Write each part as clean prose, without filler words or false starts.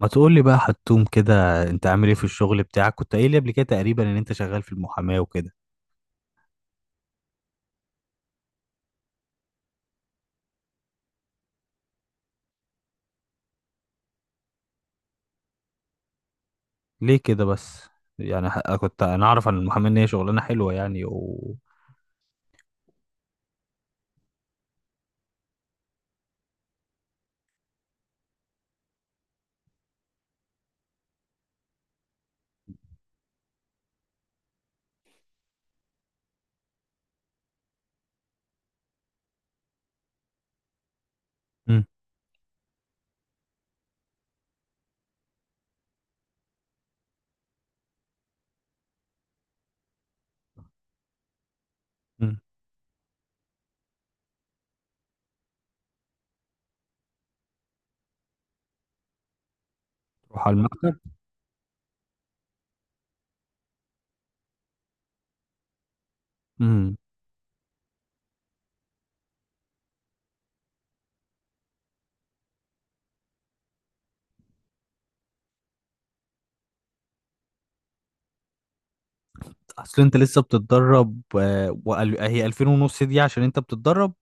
ما تقول لي بقى حتوم كده، انت عامل ايه في الشغل بتاعك؟ كنت قايل لي قبل كده تقريبا ان انت شغال في المحاماة وكده. ليه كده بس؟ يعني كنت انا اعرف عن المحاماة ان هي شغلانة حلوة، يعني و... مم. مم. تروح على المكتب. امم. اصل انت لسه بتتدرب، هي 2000 ونص دي عشان انت بتتدرب؟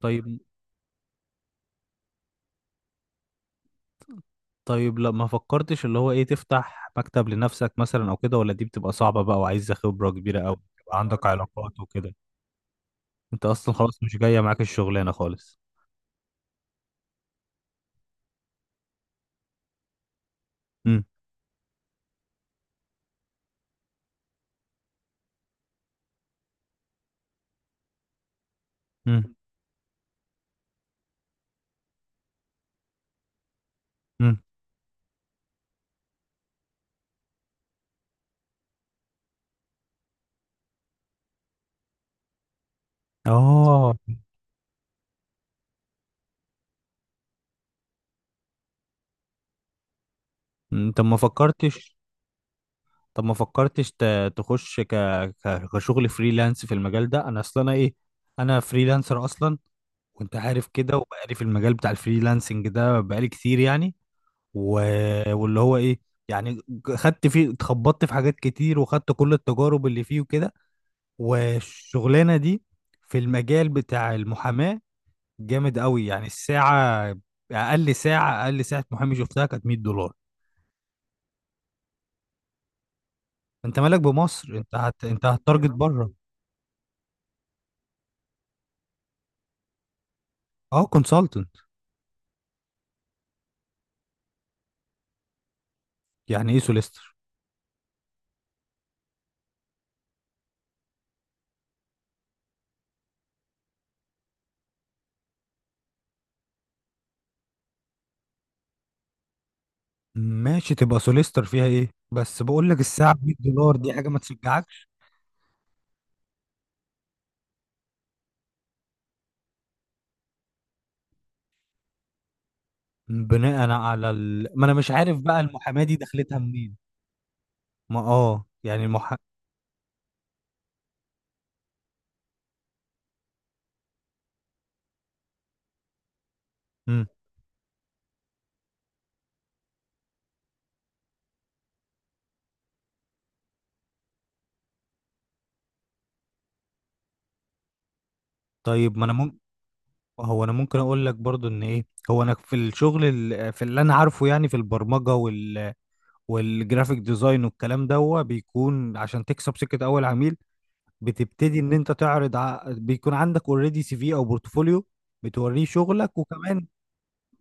طيب. طيب، لا ما فكرتش اللي هو ايه، تفتح مكتب لنفسك مثلا او كده؟ ولا دي بتبقى صعبة بقى وعايزة خبرة كبيرة او؟ يبقى عندك علاقات وكده، انت اصلا خلاص مش جاية معاك الشغلانة خالص. امم. اه. طب ما فكرتش، طب ما فكرتش تخش كشغل فريلانس في المجال ده؟ انا اصلا انا ايه، انا فريلانسر اصلا وانت عارف كده، وبقالي في المجال بتاع الفريلانسنج ده بقالي كتير، يعني و... واللي هو ايه، يعني خدت فيه، اتخبطت في حاجات كتير وخدت كل التجارب اللي فيه وكده. والشغلانة دي في المجال بتاع المحاماة جامد قوي، يعني الساعة، اقل ساعة محامي شفتها كانت 100 دولار. انت مالك بمصر، انت انت هتارجت بره. اه، كونسلتنت. يعني ايه سوليستر؟ ماشي، تبقى سوليستر، فيها ايه؟ بس بقول لك الساعه ب 100 دولار دي حاجه ما تشجعكش. بناء على ما انا مش عارف بقى المحاماه دي دخلتها منين. ما اه، يعني مم. طيب ما انا ممكن، هو انا ممكن اقول لك برضو ان ايه، هو انا في الشغل في اللي انا عارفه، يعني في البرمجه والجرافيك ديزاين والكلام ده، هو بيكون عشان تكسب سكه اول عميل، بتبتدي ان انت بيكون عندك اوريدي سي في او بورتفوليو، بتوريه شغلك، وكمان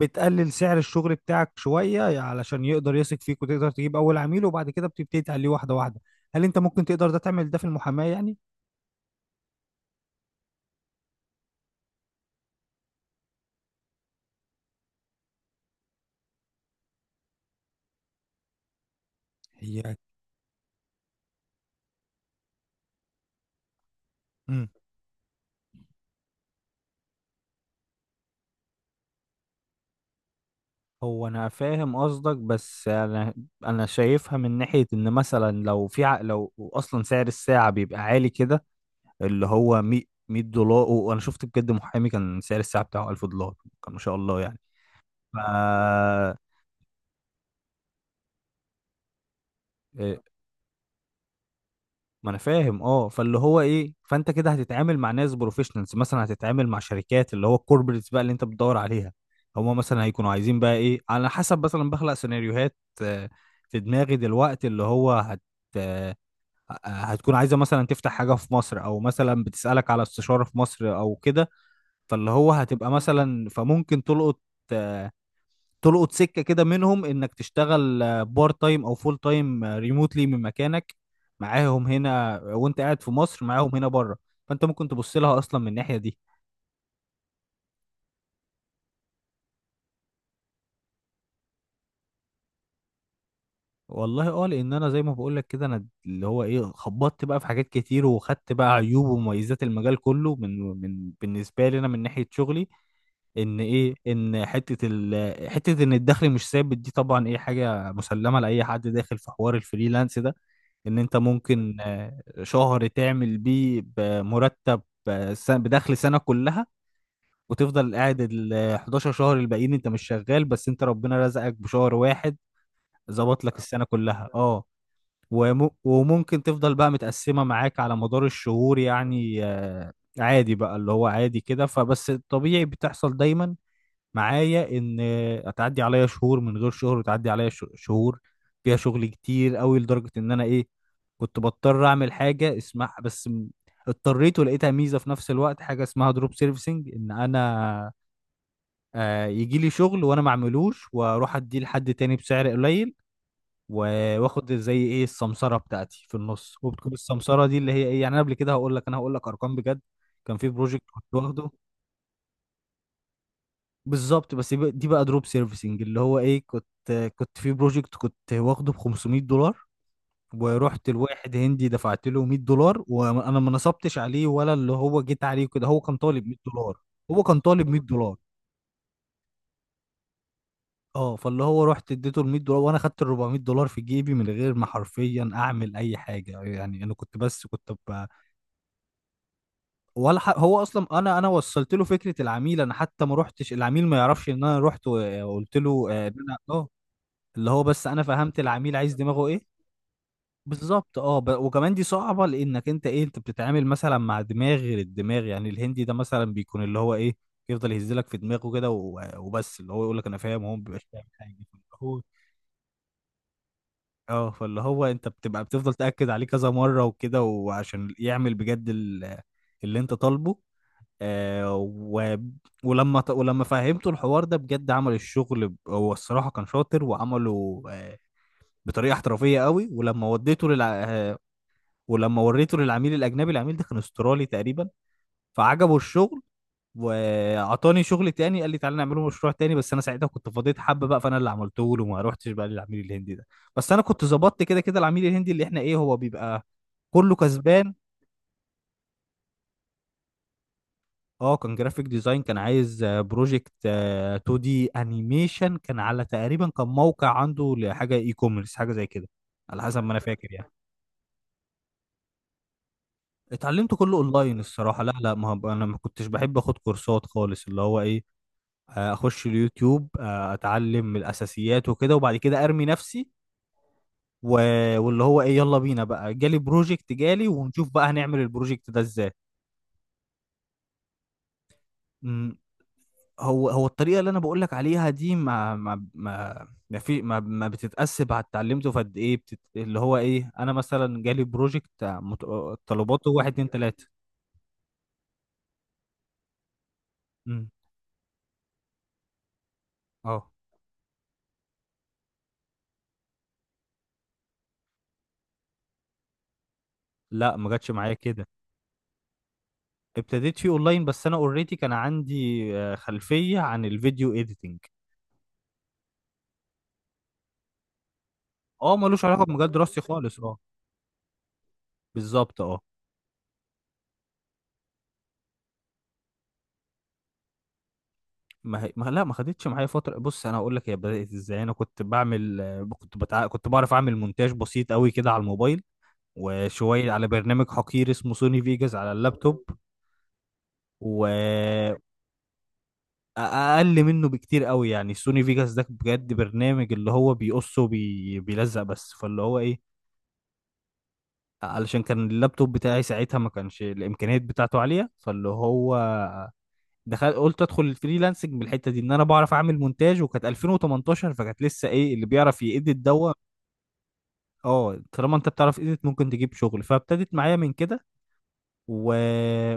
بتقلل سعر الشغل بتاعك شوية علشان يقدر يثق فيك، وتقدر تجيب اول عميل، وبعد كده بتبتدي تعليه واحدة واحدة. هل انت ممكن تقدر ده، تعمل ده في المحاماة يعني؟ هي، امم. هو انا فاهم قصدك، بس انا، انا شايفها من ناحيه ان مثلا لو في لو اصلا سعر الساعه بيبقى عالي كده، اللي هو 100 دولار. وانا شفت بجد محامي كان سعر الساعه بتاعه 1000 دولار. كان ما شاء الله يعني. ف... إيه، ما انا فاهم، اه، فاللي هو ايه، فانت كده هتتعامل مع ناس بروفيشنالز، مثلا هتتعامل مع شركات، اللي هو الكوربريتس بقى اللي انت بتدور عليها. هما مثلا هيكونوا عايزين بقى ايه، على حسب، مثلا بخلق سيناريوهات في دماغي دلوقتي، اللي هو آه، هتكون عايزه مثلا تفتح حاجه في مصر، او مثلا بتسالك على استشاره في مصر او كده. فاللي هو هتبقى مثلا، فممكن تلقط، آه، تلقط سكه كده منهم، انك تشتغل بارت تايم او فول تايم ريموتلي من مكانك، معاهم هنا، وانت قاعد في مصر معاهم هنا بره. فانت ممكن تبص لها اصلا من الناحيه دي. والله اه، لان انا زي ما بقول لك كده، انا اللي هو ايه، خبطت بقى في حاجات كتير، وخدت بقى عيوب ومميزات المجال كله من بالنسبه لي انا من ناحيه شغلي، ان ايه، ان حته حته ان الدخل مش ثابت دي طبعا ايه، حاجه مسلمه لاي حد داخل في حوار الفريلانس ده. ان انت ممكن شهر تعمل بيه بمرتب بدخل سنة كلها، وتفضل قاعد ال 11 شهر الباقيين انت مش شغال، بس انت ربنا رزقك بشهر واحد ظبط لك السنة كلها، اه. وممكن تفضل بقى متقسمة معاك على مدار الشهور، يعني عادي بقى، اللي هو عادي كده. فبس الطبيعي بتحصل دايما معايا، ان هتعدي عليا شهور من غير شهر، وتعدي عليا شهور فيها شغل كتير قوي، لدرجة ان انا ايه، كنت بضطر اعمل حاجة اسمها بس اضطريت ولقيتها ميزة في نفس الوقت، حاجة اسمها دروب سيرفيسنج، ان انا آه، يجي لي شغل وانا ما اعملوش واروح اديه لحد تاني بسعر قليل، واخد زي ايه السمسرة بتاعتي في النص. وبتكون السمسرة دي اللي هي ايه، يعني انا قبل كده هقول لك، انا هقول لك ارقام بجد. كان في بروجكت كنت واخده. بالظبط، بس دي بقى دروب سيرفيسنج، اللي هو ايه، كنت في بروجكت كنت واخده ب 500 دولار، ورحت لواحد هندي دفعت له 100 دولار، وانا ما نصبتش عليه، ولا اللي هو جيت عليه كده، هو كان طالب 100 دولار. هو كان طالب 100 دولار. اه، فاللي هو رحت اديته ال 100 دولار، وانا خدت ال 400 دولار في جيبي من غير ما حرفيا اعمل اي حاجه، يعني انا كنت بس كنت ولا هو اصلا انا وصلت له فكره العميل، انا حتى ما رحتش، العميل ما يعرفش ان انا رحت وقلت له ان انا اه، اللي هو بس انا فهمت العميل عايز دماغه ايه. بالظبط اه، وكمان دي صعبة، لانك انت ايه، انت بتتعامل مثلا مع دماغ غير الدماغ، يعني الهندي ده مثلا بيكون اللي هو ايه، يفضل يهزلك في دماغه كده و... وبس اللي هو يقول لك انا فاهم، هو ما بيبقاش فاهم حاجة. فاللي هو اه، فاللي هو انت بتبقى بتفضل تأكد عليه كذا مرة وكده، وعشان يعمل بجد اللي انت طالبه، آه و... ولما ولما فهمته الحوار ده بجد، عمل الشغل هو الصراحة كان شاطر وعمله بطريقه احترافيه قوي. ولما وديته للع... آه، ولما وريته للعميل الاجنبي، العميل ده كان استرالي تقريبا، فعجبه الشغل وعطاني شغل تاني، قال لي تعالى نعمله مشروع تاني، بس انا ساعتها كنت فضيت حبه بقى، فانا اللي عملته له وما روحتش بقى للعميل الهندي ده. بس انا كنت ظبطت كده كده، العميل الهندي اللي احنا ايه، هو بيبقى كله كسبان. اه، كان جرافيك ديزاين، كان عايز بروجكت 2 دي انيميشن، كان على تقريبا كان موقع عنده لحاجه اي كوميرس، حاجه زي كده، على حسب ما انا فاكر يعني. اتعلمته كله اونلاين الصراحه، لا لا ما انا ما كنتش بحب اخد كورسات خالص، اللي هو ايه، اخش اليوتيوب، اتعلم من الاساسيات وكده، وبعد كده ارمي نفسي و... واللي هو ايه، يلا بينا بقى، جالي بروجكت، جالي ونشوف بقى هنعمل البروجكت ده ازاي. مم، هو الطريقه اللي انا بقول لك عليها دي، ما بتتقاس على اتعلمته في قد ايه، اللي هو ايه، انا مثلا جالي بروجكت طلباته واحد اتنين تلاته. مم، اه. لا، ما جاتش معايا كده، ابتديت فيه اونلاين. بس انا اوريدي كان عندي خلفيه عن الفيديو اديتنج. اه ملوش علاقه بمجال دراستي خالص اه، بالظبط اه. ما هي... ما لا، ما خدتش معايا فتره. بص انا هقول لك هي بدات ازاي، انا كنت بعمل كنت بعرف اعمل مونتاج بسيط قوي كده على الموبايل، وشويه على برنامج حقير اسمه سوني فيجاس على اللابتوب. و... اقل منه بكتير قوي يعني، سوني فيجاس ده بجد برنامج اللي هو بيقص وبيلزق بس، فاللي هو ايه، علشان كان اللابتوب بتاعي ساعتها ما كانش الامكانيات بتاعته عاليه، فاللي هو دخل، قلت ادخل الفريلانسنج من الحته دي ان انا بعرف اعمل مونتاج. وكانت 2018، فكانت لسه ايه، اللي بيعرف يأديت دوا، اه طالما انت بتعرف إيديت ممكن تجيب شغل، فابتدت معايا من كده و...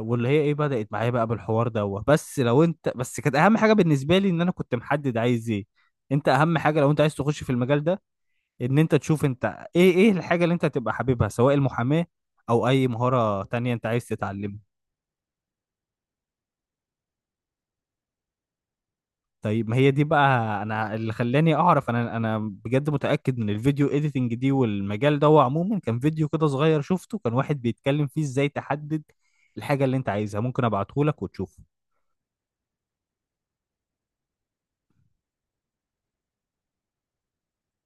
واللي هي ايه، بدأت معايا بقى بالحوار دوا. بس لو انت، بس كانت اهم حاجه بالنسبه لي ان انا كنت محدد عايز ايه. انت اهم حاجه لو انت عايز تخش في المجال ده، ان انت تشوف انت ايه الحاجه اللي انت هتبقى حاببها، سواء المحاماه او اي مهاره تانية انت عايز تتعلمها. طيب ما هي دي بقى، انا اللي خلاني اعرف انا بجد متاكد من الفيديو اديتنج دي والمجال ده، هو عموما كان فيديو كده صغير شفته، كان واحد بيتكلم فيه ازاي تحدد الحاجه اللي انت عايزها. ممكن ابعته لك وتشوفه.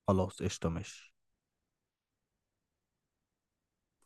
خلاص قشطه، ماشي.